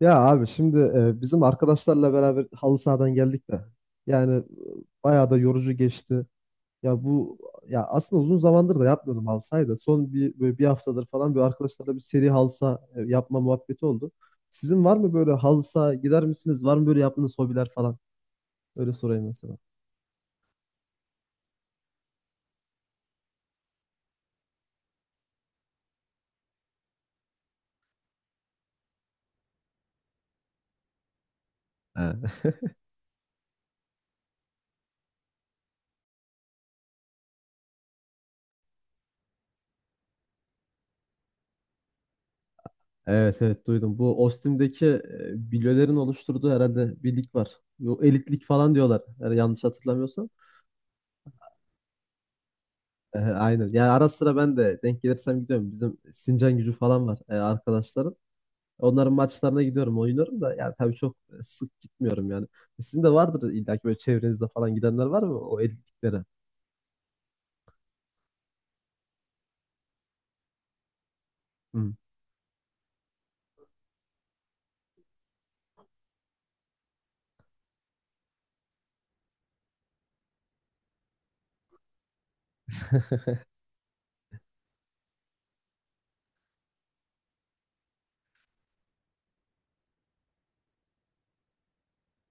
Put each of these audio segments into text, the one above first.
Ya abi şimdi bizim arkadaşlarla beraber halı sahadan geldik de yani bayağı da yorucu geçti. Ya bu ya aslında uzun zamandır da yapmıyordum halı sahayı da son bir böyle bir haftadır falan böyle arkadaşlarla bir seri halı saha yapma muhabbeti oldu. Sizin var mı böyle halı saha gider misiniz? Var mı böyle yaptığınız hobiler falan? Öyle sorayım mesela. Ha. Evet, evet, duydum. Bu Ostim'deki bilyelerin oluşturduğu herhalde bir lig var. Bu elitlik falan diyorlar, eğer yanlış hatırlamıyorsam. Aynen. Yani ara sıra ben de denk gelirsem gidiyorum. Bizim Sincan Gücü falan var, arkadaşların. Onların maçlarına gidiyorum, oynuyorum da, yani tabii çok sık gitmiyorum yani. Sizin de vardır illa ki, böyle çevrenizde falan gidenler var mı o etkinliklere? Hı.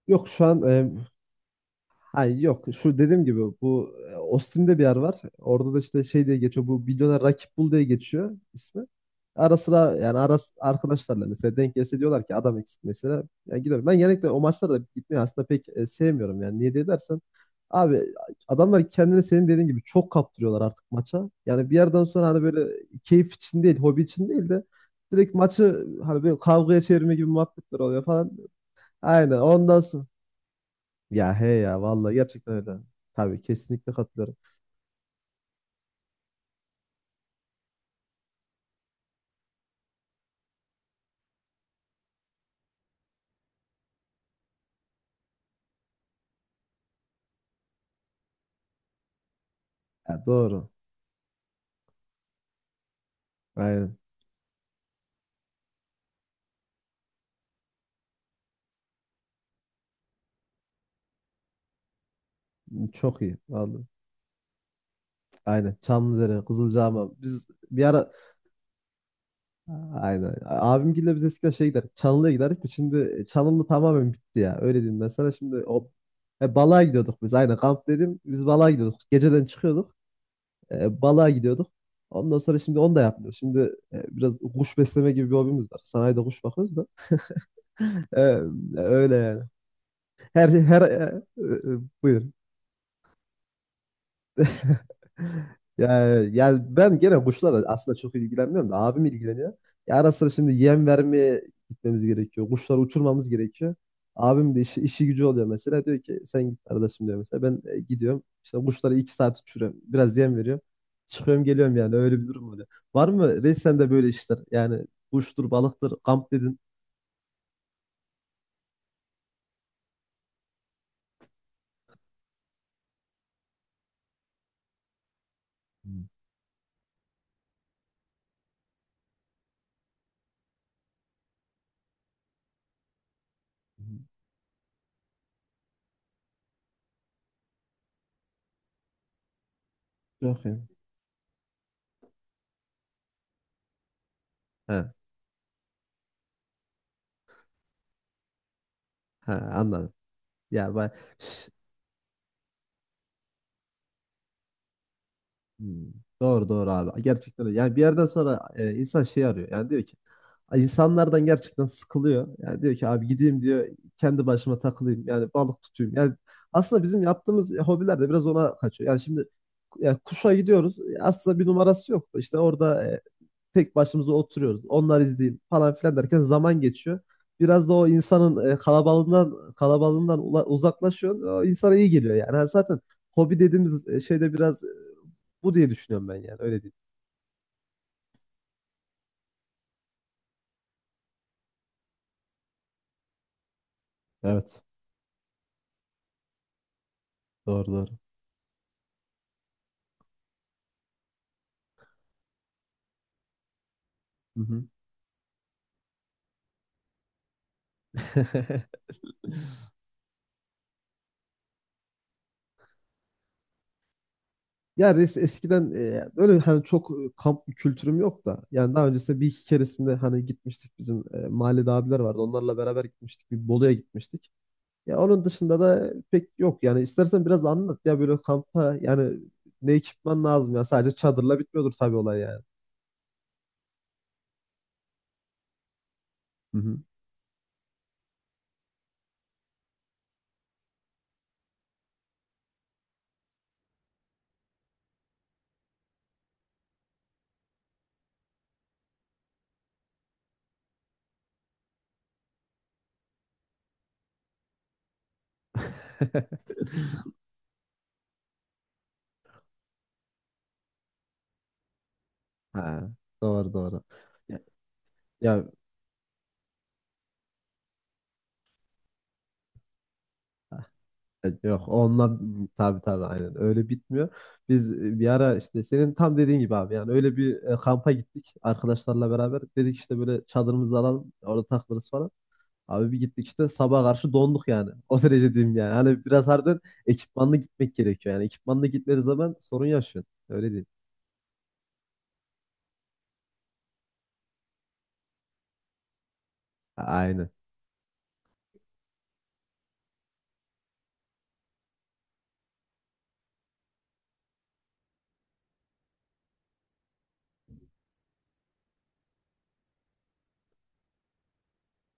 Yok şu an. Ha, yok, şu dediğim gibi bu Ostim'de bir yer var. Orada da işte şey diye geçiyor. Bu Milyoner Rakip Bul diye geçiyor ismi. Ara sıra yani arkadaşlarla mesela denk gelse diyorlar ki adam eksik mesela. Yani gidiyorum. Ben genellikle o maçlara da gitmeyi aslında pek sevmiyorum yani. Niye diye dersen abi, adamlar kendini senin dediğin gibi çok kaptırıyorlar artık maça. Yani bir yerden sonra hani böyle keyif için değil, hobi için değil de direkt maçı hani böyle kavgaya çevirme gibi muhabbetler oluyor falan. Aynen. Ondan sonra ya he, ya vallahi gerçekten öyle. Tabii, kesinlikle katılıyorum. Ya, doğru. Aynen. Çok iyi, vallahi. Aynen. Çamlıdere, Kızılcahamam. Biz bir ara, aynen. Abimgille biz eskiden şey giderdik, Çanlı'ya giderdik de şimdi Çanlı tamamen bitti ya. Öyle diyeyim ben sana. Şimdi o balığa gidiyorduk biz. Aynen, kamp dedim. Biz balığa gidiyorduk, geceden çıkıyorduk. Balığa gidiyorduk. Ondan sonra şimdi onu da yapmıyoruz. Şimdi biraz kuş besleme gibi bir hobimiz var. Sanayide kuş bakıyoruz da. E, öyle yani. Her şey, her buyur. Yani, yani ben gene kuşlarla aslında çok ilgilenmiyorum da abim ilgileniyor. Ya ara sıra şimdi yem vermeye gitmemiz gerekiyor, kuşları uçurmamız gerekiyor. Abim de işi, işi gücü oluyor mesela. Diyor ki sen git arkadaşım diyor mesela. Ben gidiyorum. İşte kuşları iki saat uçuruyorum, biraz yem veriyorum, çıkıyorum geliyorum yani. Öyle bir durum oluyor. Var mı reis sende böyle işler? Yani kuştur, balıktır, kamp dedin. Hı. Yok ya. He, he, anladım. Ya ben. Hmm. Doğru, doğru abi. Gerçekten öyle. Yani bir yerden sonra insan şey arıyor. Yani diyor ki, "Ay, insanlardan gerçekten sıkılıyor." Yani diyor ki, "Abi gideyim," diyor, "kendi başıma takılayım. Yani balık tutayım." Yani aslında bizim yaptığımız hobiler de biraz ona kaçıyor. Yani şimdi yani kuşa gidiyoruz. Aslında bir numarası yok. İşte orada tek başımıza oturuyoruz. Onlar izleyeyim falan filan derken zaman geçiyor. Biraz da o insanın kalabalığından kalabalığından uzaklaşıyor. O insana iyi geliyor yani. Yani zaten hobi dediğimiz şeyde biraz bu diye düşünüyorum ben yani, öyle değil. Evet. Doğru, doğru. Hı hı. Ya res, eskiden böyle hani çok kamp kültürüm yok da, yani daha öncesinde bir iki keresinde hani gitmiştik, bizim mahallede abiler vardı, onlarla beraber gitmiştik, bir Bolu'ya gitmiştik. Ya onun dışında da pek yok yani. İstersen biraz anlat ya böyle kampa, yani ne ekipman lazım, ya sadece çadırla bitmiyordur tabii olay yani. Hı hı. Ha, doğru, doğru. Ya, ya, yok onunla, tabii tabii aynen öyle bitmiyor. Biz bir ara işte senin tam dediğin gibi abi, yani öyle bir kampa gittik arkadaşlarla beraber. Dedik işte böyle çadırımızı alalım, orada takılırız falan. Abi bir gittik, işte sabaha karşı donduk yani. O derece diyeyim yani. Hani biraz harbiden ekipmanla gitmek gerekiyor yani. Ekipmanla gitmediği zaman sorun yaşıyorsun. Öyle değil. Aynen.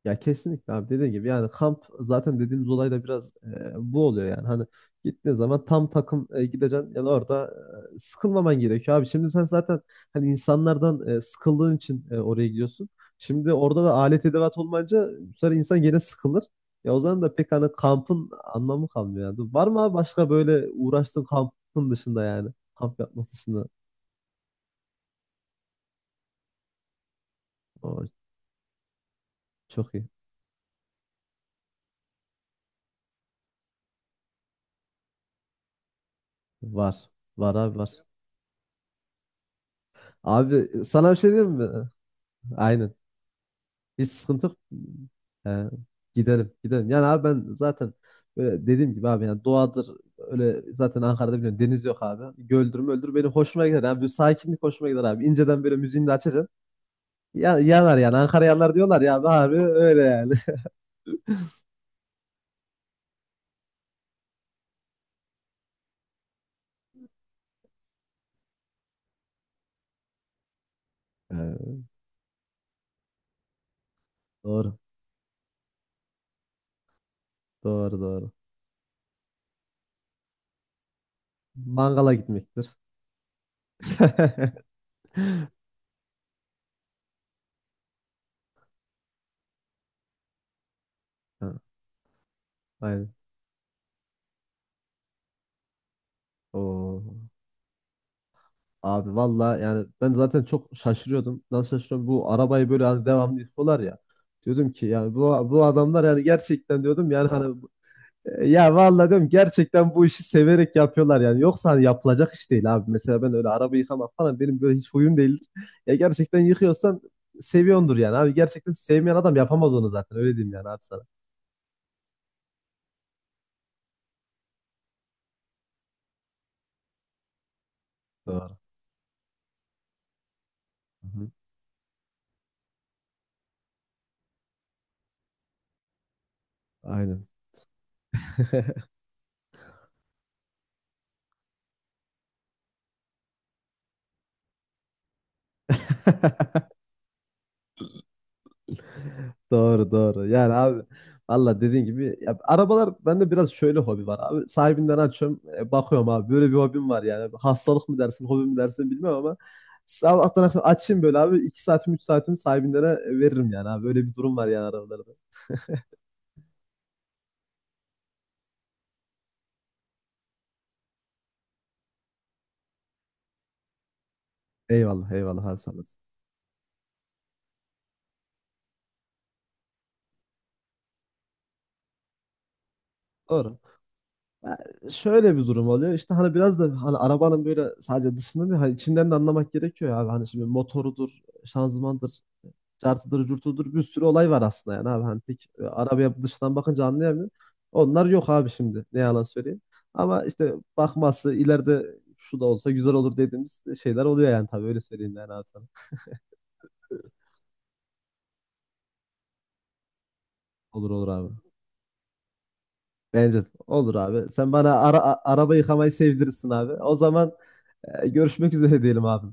Ya kesinlikle abi dediğin gibi, yani kamp zaten dediğimiz olay da biraz bu oluyor yani. Hani gittiğin zaman tam takım gideceksin yani, orada sıkılmaman gerekiyor abi. Şimdi sen zaten hani insanlardan sıkıldığın için oraya gidiyorsun, şimdi orada da alet edevat olmayınca bu sefer insan gene sıkılır ya, o zaman da pek hani kampın anlamı kalmıyor yani. Var mı abi başka böyle uğraştığın kampın dışında yani, kamp yapmak dışında? O çok iyi. Var, var abi, var. Abi sana bir şey diyeyim mi? Aynen. Hiç sıkıntı yok. He, gidelim gidelim. Yani abi ben zaten böyle dediğim gibi abi, yani doğadır, öyle zaten. Ankara'da biliyorum deniz yok abi. Göldür öldür. Benim hoşuma gider abi. Böyle sakinlik hoşuma gider abi. İnceden böyle müziğini de açacaksın. Ya, yanar yani, Ankara yanar diyorlar ya abi, abi öyle yani. Ee, Doğru, doğru, doğru. Mangala gitmektir. Ha, aynen. Oo. Abi valla yani ben zaten çok şaşırıyordum. Nasıl şaşırıyorum? Bu arabayı böyle hani devamlı yıkıyorlar ya. Diyordum ki yani bu, bu adamlar yani gerçekten diyordum yani hani ya valla diyorum gerçekten bu işi severek yapıyorlar yani. Yoksa hani yapılacak iş değil abi. Mesela ben öyle araba yıkamak falan benim böyle hiç huyum değildir. Ya gerçekten yıkıyorsan seviyordur yani abi. Gerçekten sevmeyen adam yapamaz onu zaten, öyle diyeyim yani abi sana. Doğru. Hı hı. Aynen. Doğru, doğru. Yani abi valla dediğin gibi ya, arabalar bende biraz şöyle hobi var abi. Sahibinden açıyorum, bakıyorum abi, böyle bir hobim var yani. Hastalık mı dersin, hobi mi dersin bilmem, ama sabahtan akşam açayım böyle abi, 2 saatimi 3 saatimi sahibinden veririm yani abi. Böyle bir durum var yani arabalarda. Eyvallah, eyvallah abi, sağ olasın. Doğru. Ya, şöyle bir durum oluyor. İşte hani biraz da hani arabanın böyle sadece dışında değil, hani içinden de anlamak gerekiyor ya abi. Hani şimdi motorudur, şanzımandır, cartıdır, curtudur, bir sürü olay var aslında yani abi. Hani tek arabaya dıştan bakınca anlayamıyorum. Onlar yok abi şimdi. Ne yalan söyleyeyim. Ama işte bakması ileride şu da olsa güzel olur dediğimiz şeyler oluyor yani, tabii öyle söyleyeyim yani abi sana. Olur, olur abi. Bence de, olur abi. Sen bana araba yıkamayı sevdirirsin abi. O zaman görüşmek üzere diyelim abi.